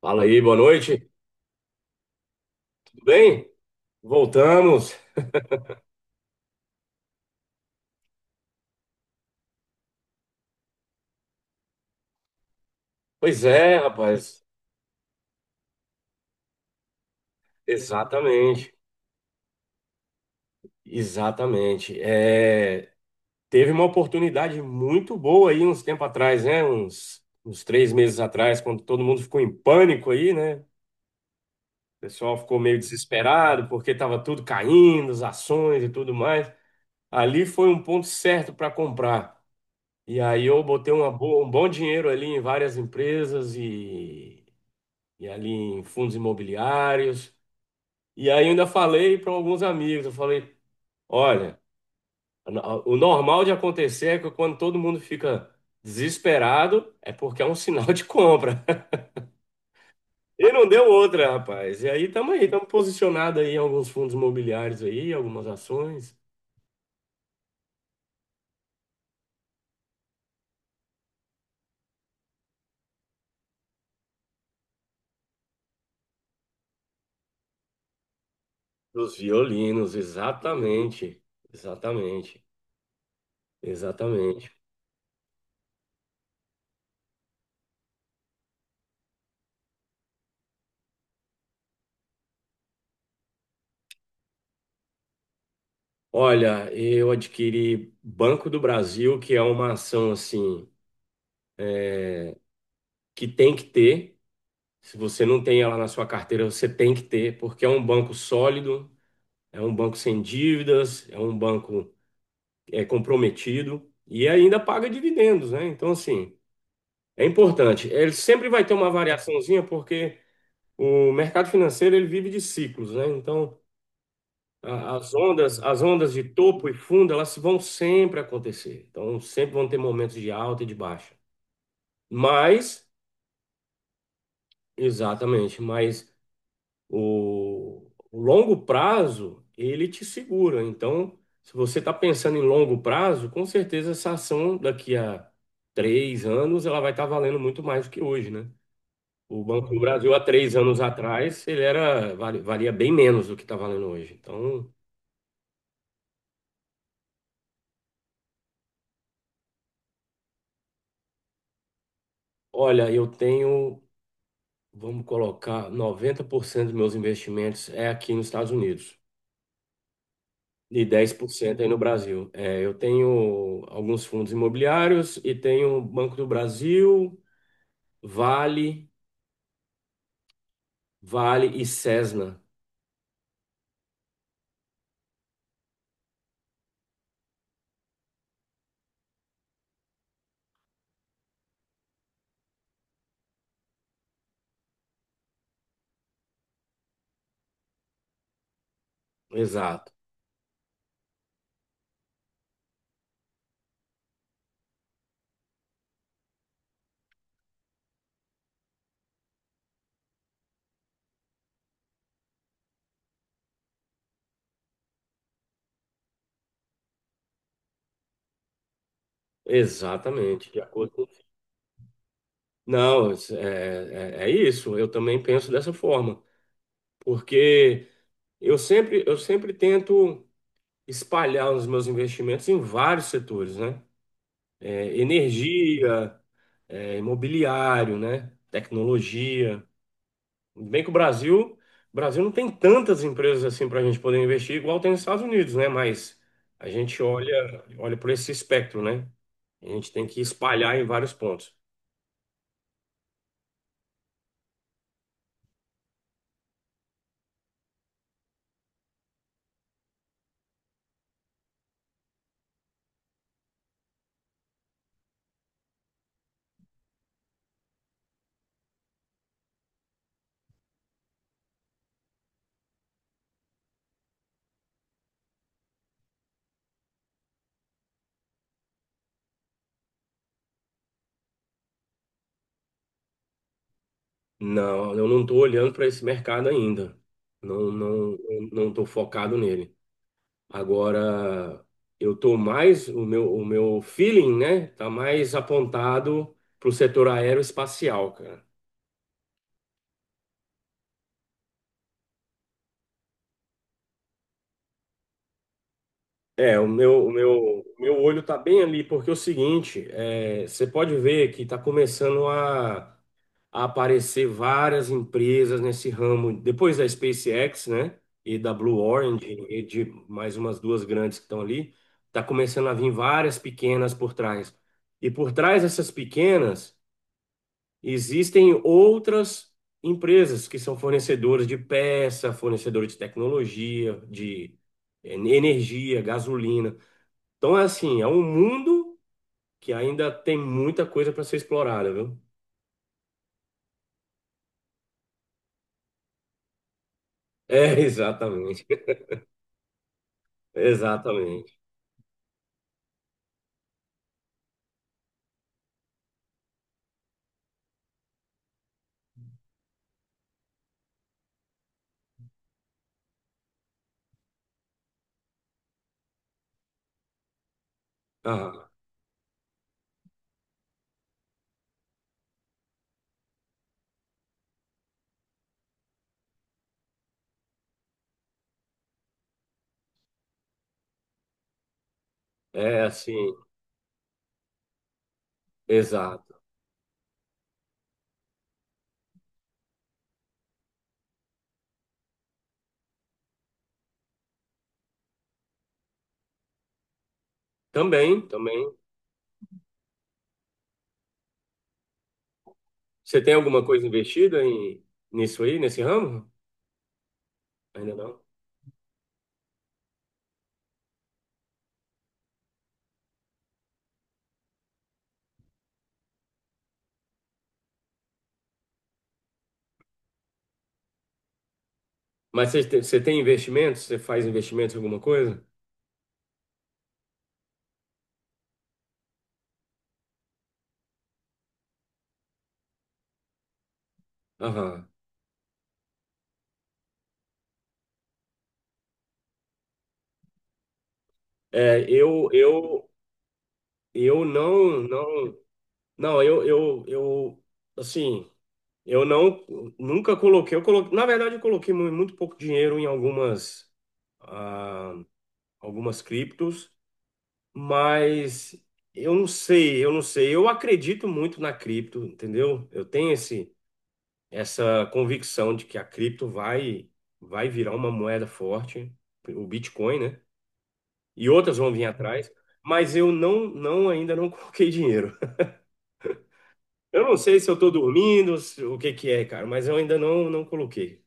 Fala aí, boa noite. Tudo bem? Voltamos. Pois é, rapaz. Exatamente. Exatamente. É, teve uma oportunidade muito boa aí uns tempo atrás, né? Uns 3 meses atrás, quando todo mundo ficou em pânico aí, né? O pessoal ficou meio desesperado porque estava tudo caindo, as ações e tudo mais. Ali foi um ponto certo para comprar. E aí eu botei um bom dinheiro ali em várias empresas e ali em fundos imobiliários. E aí eu ainda falei para alguns amigos, eu falei, olha, o normal de acontecer é que quando todo mundo fica desesperado, é porque é um sinal de compra. E não deu outra, rapaz. E aí, estamos posicionados aí em alguns fundos imobiliários aí, algumas ações. Dos violinos, exatamente. Exatamente. Exatamente. Olha, eu adquiri Banco do Brasil, que é uma ação assim que tem que ter. Se você não tem ela na sua carteira, você tem que ter, porque é um banco sólido, é um banco sem dívidas, é um banco é, comprometido e ainda paga dividendos, né? Então, assim, é importante. Ele sempre vai ter uma variaçãozinha, porque o mercado financeiro ele vive de ciclos, né? Então, as ondas de topo e fundo, elas vão sempre acontecer. Então, sempre vão ter momentos de alta e de baixa. Mas, exatamente, mas O, o longo prazo, ele te segura. Então, se você está pensando em longo prazo, com certeza essa ação daqui a 3 anos, ela vai estar valendo muito mais do que hoje, né? O Banco do Brasil, há 3 anos atrás, ele era, valia bem menos do que está valendo hoje. Então, olha, eu tenho, vamos colocar, 90% dos meus investimentos é aqui nos Estados Unidos. De 10% aí no Brasil. É, eu tenho alguns fundos imobiliários e tenho Banco do Brasil, Vale, Vale e Cesna. Exato. Exatamente, de acordo com... Não, é isso, eu também penso dessa forma, porque eu sempre tento espalhar os meus investimentos em vários setores, né? É, energia, é, imobiliário, né? Tecnologia. Bem que o Brasil não tem tantas empresas assim para a gente poder investir, igual tem nos Estados Unidos, né? Mas a gente olha por esse espectro, né? A gente tem que espalhar em vários pontos. Não, eu não estou olhando para esse mercado ainda. Não, não estou focado nele. Agora, eu estou mais, o meu feeling, né? Tá mais apontado para o setor aeroespacial, cara. É, o meu olho tá bem ali, porque é o seguinte, é, você pode ver que tá começando a aparecer várias empresas nesse ramo, depois da SpaceX, né, e da Blue Origin, e de mais umas duas grandes que estão ali, tá começando a vir várias pequenas por trás. E por trás dessas pequenas, existem outras empresas que são fornecedoras de peça, fornecedores de tecnologia, de energia, gasolina. Então, é assim, é um mundo que ainda tem muita coisa para ser explorada, viu? É, exatamente. Exatamente. Ah, é assim, exato. Também, também. Você tem alguma coisa investida em, nisso aí, nesse ramo? Ainda não. Mas você tem investimentos? Você faz investimentos em alguma coisa? Aham. É, eu não, não, não, eu, assim, eu não, nunca coloquei, eu coloquei, na verdade eu coloquei muito pouco dinheiro em algumas ah, algumas criptos, mas eu não sei. Eu acredito muito na cripto, entendeu? Eu tenho essa convicção de que a cripto vai virar uma moeda forte, o Bitcoin, né? E outras vão vir atrás, mas eu não, não ainda não coloquei dinheiro. Eu não sei se eu tô dormindo, se- o que que é, cara, mas eu ainda não coloquei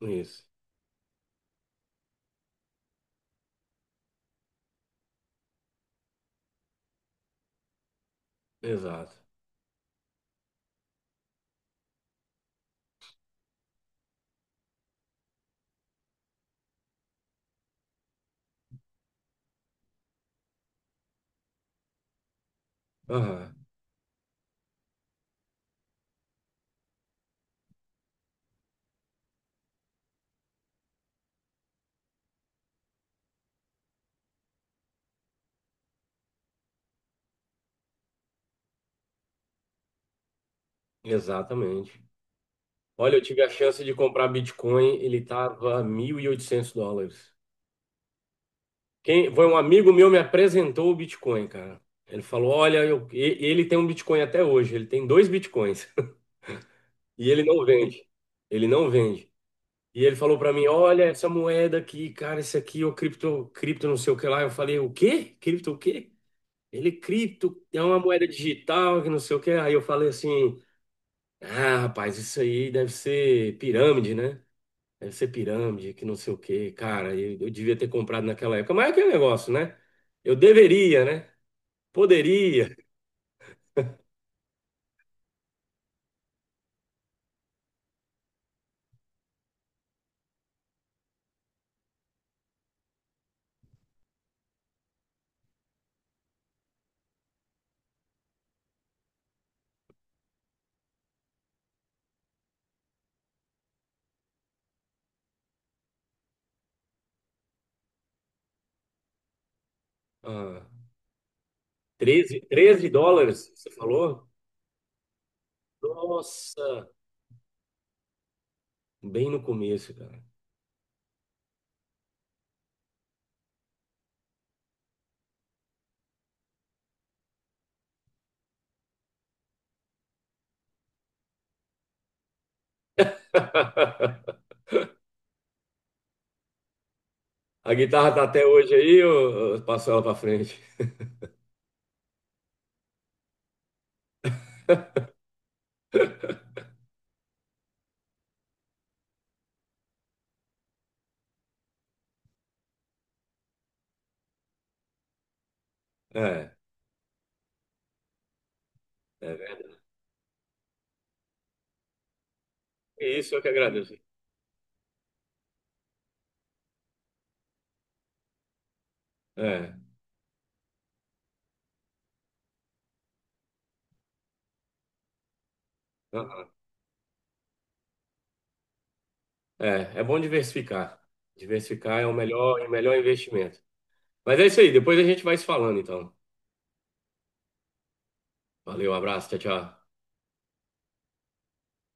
nisso. Exato. Aham, exatamente. Olha, eu tive a chance de comprar Bitcoin, ele tava US$ 1.800. Quem, foi um amigo meu me apresentou o Bitcoin, cara. Ele falou: "Olha, ele tem um Bitcoin até hoje, ele tem 2 Bitcoins e ele não vende. Ele não vende. E ele falou pra mim: "Olha essa moeda aqui, cara, esse aqui é o cripto, cripto não sei o que lá". Eu falei: "O quê? Cripto o quê?" Ele cripto é uma moeda digital, que não sei o que. Aí eu falei assim: "Ah, rapaz, isso aí deve ser pirâmide, né?" Deve ser pirâmide, que não sei o quê. Cara, eu devia ter comprado naquela época. Mas é aquele negócio, né? Eu deveria, né? Poderia. Ah, 13 13 dólares, você falou? Nossa, bem no começo, cara. A guitarra tá até hoje aí, ou eu passo ela pra frente? É, é verdade. É isso eu que agradeço. É, aham. É, é bom diversificar. Diversificar é o melhor investimento. Mas é isso aí, depois a gente vai se falando, então. Valeu, abraço, tchau, tchau.